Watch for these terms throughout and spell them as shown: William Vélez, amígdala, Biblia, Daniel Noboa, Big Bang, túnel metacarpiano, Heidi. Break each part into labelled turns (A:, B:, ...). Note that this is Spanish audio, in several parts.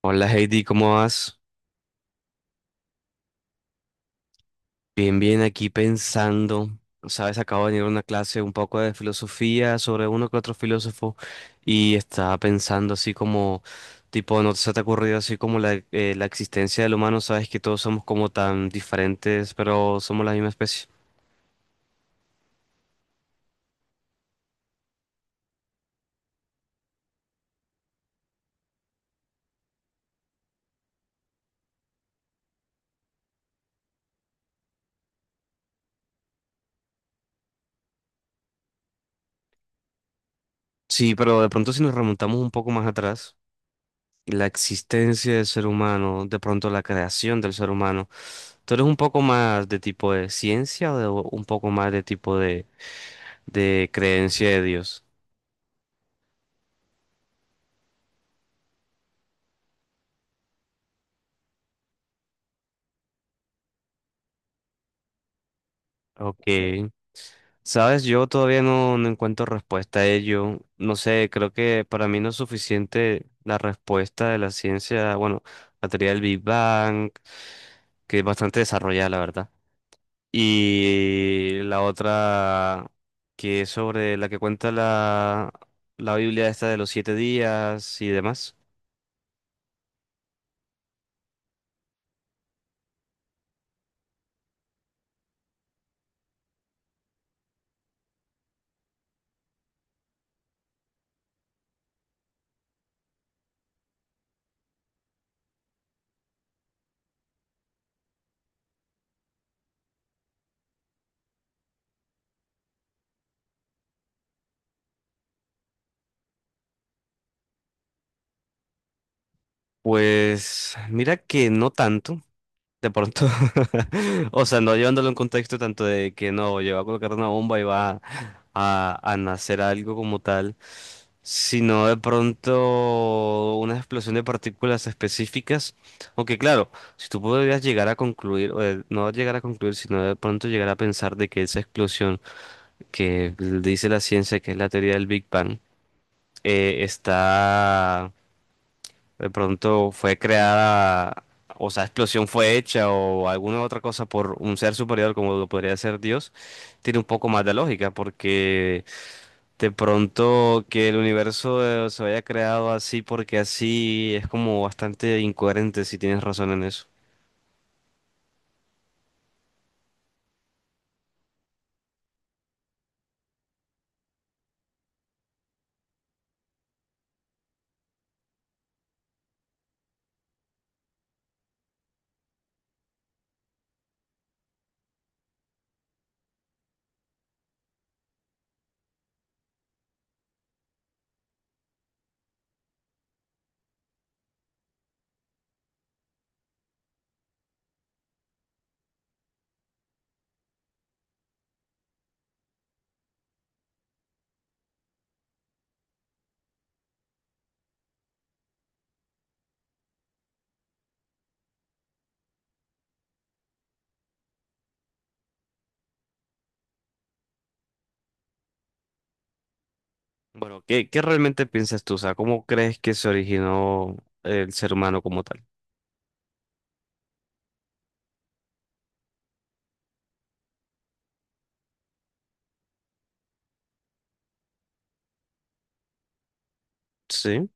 A: Hola Heidi, ¿cómo vas? Bien, bien, aquí pensando. Sabes, acabo de venir a una clase un poco de filosofía sobre uno que otro filósofo y estaba pensando así como, tipo, ¿no se te ha ocurrido así como la existencia del humano? Sabes que todos somos como tan diferentes, pero somos la misma especie. Sí, pero de pronto si nos remontamos un poco más atrás, la existencia del ser humano, de pronto la creación del ser humano, ¿tú eres un poco más de tipo de ciencia o de un poco más de tipo de creencia de Dios? Ok. Sabes, yo todavía no, encuentro respuesta a ello. No sé, creo que para mí no es suficiente la respuesta de la ciencia, bueno, la teoría del Big Bang, que es bastante desarrollada, la verdad. Y la otra, que es sobre la que cuenta la Biblia esta de los siete días y demás. Pues mira que no tanto, de pronto. O sea, no llevándolo en contexto tanto de que no, yo voy a colocar una bomba y va a nacer algo como tal, sino de pronto una explosión de partículas específicas. Aunque claro, si tú podrías llegar a concluir, no llegar a concluir, sino de pronto llegar a pensar de que esa explosión que dice la ciencia, que es la teoría del Big Bang, está de pronto fue creada, o sea, explosión fue hecha o alguna otra cosa por un ser superior como lo podría ser Dios, tiene un poco más de lógica porque de pronto que el universo se haya creado así porque así es como bastante incoherente si tienes razón en eso. Bueno, ¿qué realmente piensas tú? O sea, ¿cómo crees que se originó el ser humano como tal? Sí.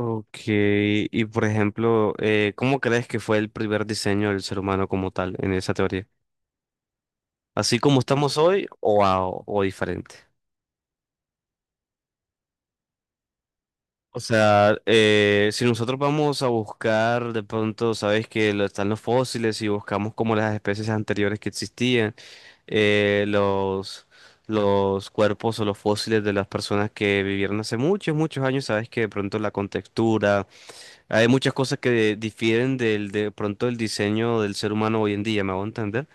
A: Ok, y por ejemplo, ¿cómo crees que fue el primer diseño del ser humano como tal en esa teoría? Así como estamos hoy o, o diferente. O sea, si nosotros vamos a buscar de pronto, sabes que están los fósiles y buscamos como las especies anteriores que existían, eh, los, los cuerpos o los fósiles de las personas que vivieron hace muchos, muchos años, sabes que de pronto la contextura, hay muchas cosas que difieren del, de pronto el diseño del ser humano hoy en día, ¿me hago entender?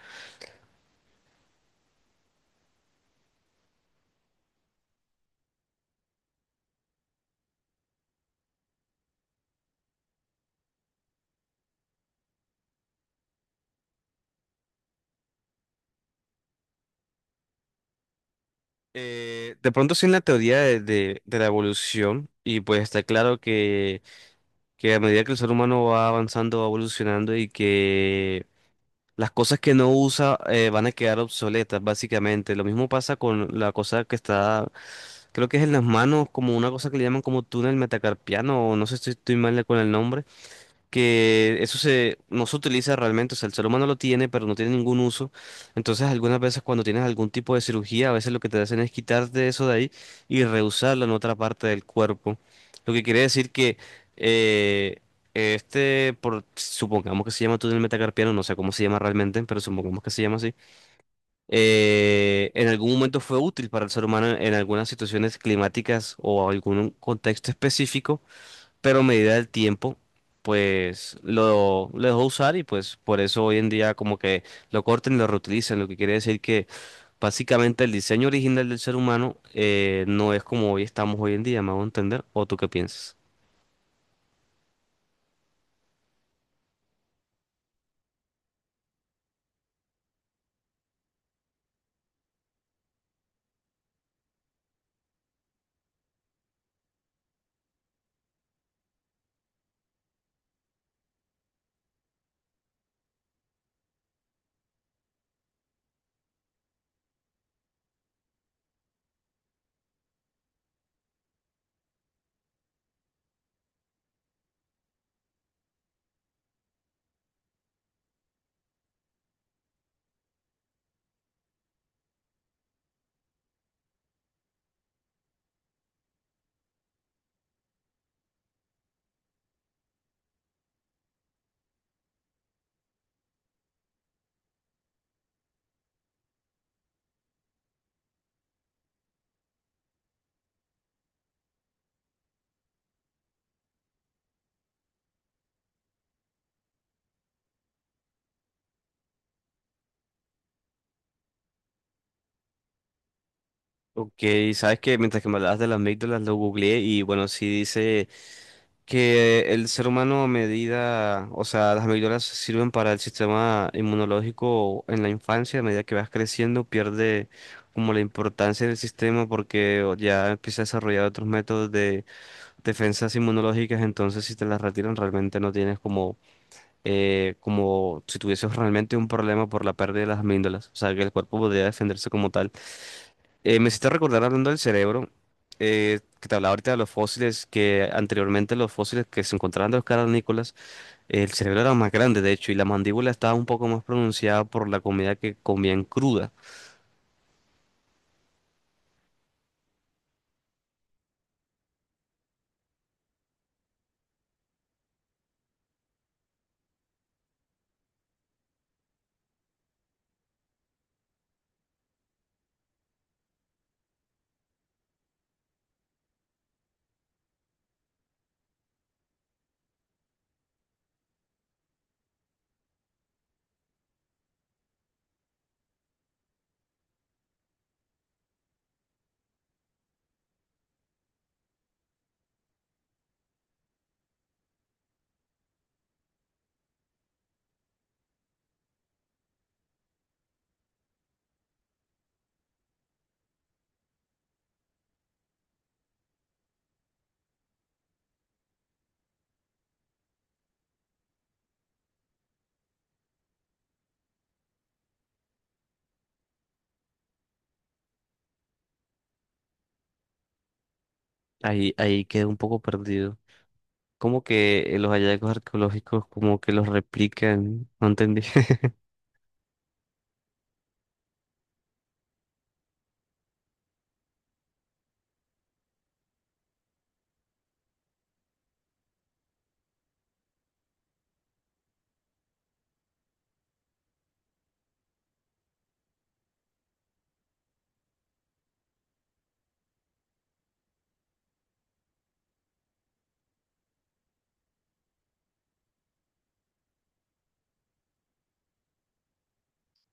A: De pronto sí en la teoría de la evolución y pues está claro que a medida que el ser humano va avanzando, va evolucionando y que las cosas que no usa van a quedar obsoletas, básicamente. Lo mismo pasa con la cosa que está, creo que es en las manos, como una cosa que le llaman como túnel metacarpiano, o no sé si estoy mal con el nombre que eso se, no se utiliza realmente, o sea, el ser humano lo tiene, pero no tiene ningún uso. Entonces, algunas veces cuando tienes algún tipo de cirugía, a veces lo que te hacen es quitarte eso de ahí y reusarlo en otra parte del cuerpo. Lo que quiere decir que eh, supongamos que se llama túnel metacarpiano, no sé cómo se llama realmente, pero supongamos que se llama así, en algún momento fue útil para el ser humano en algunas situaciones climáticas o algún contexto específico, pero a medida del tiempo, pues lo dejó usar y pues por eso hoy en día como que lo cortan y lo reutilizan, lo que quiere decir que básicamente el diseño original del ser humano no es como hoy estamos hoy en día, me hago entender, ¿o tú qué piensas? Ok, sabes que mientras que me hablabas de las amígdalas lo googleé y bueno, sí dice que el ser humano a medida, o sea, las medidas sirven para el sistema inmunológico en la infancia, a medida que vas creciendo, pierde como la importancia del sistema porque o, ya empieza a desarrollar otros métodos de defensas inmunológicas, entonces si te las retiran realmente no tienes como, como si tuvieses realmente un problema por la pérdida de las amígdalas, o sea, que el cuerpo podría defenderse como tal. Me hiciste recordar hablando del cerebro, que te hablaba ahorita de los fósiles, que anteriormente los fósiles que se encontraban de los cavernícolas, el cerebro era más grande, de hecho, y la mandíbula estaba un poco más pronunciada por la comida que comían cruda. Ahí quedé un poco perdido. Como que los hallazgos arqueológicos como que los replican, no entendí.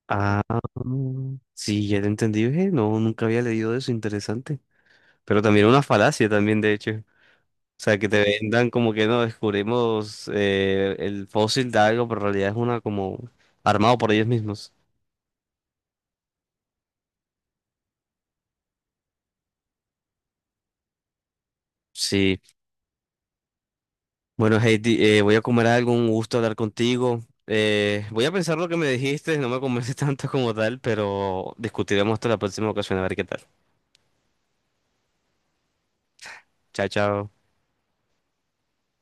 A: Ah, mm, sí, ya te entendí, ve. No, nunca había leído eso, interesante. Pero también era una falacia también, de hecho. O sea, que te vendan como que no descubrimos el fósil de algo, pero en realidad es una como armado por ellos mismos. Sí. Bueno, Heidi, voy a comer algo, un gusto hablar contigo. Voy a pensar lo que me dijiste, no me convence tanto como tal, pero discutiremos hasta la próxima ocasión a ver qué tal. Chao, chao.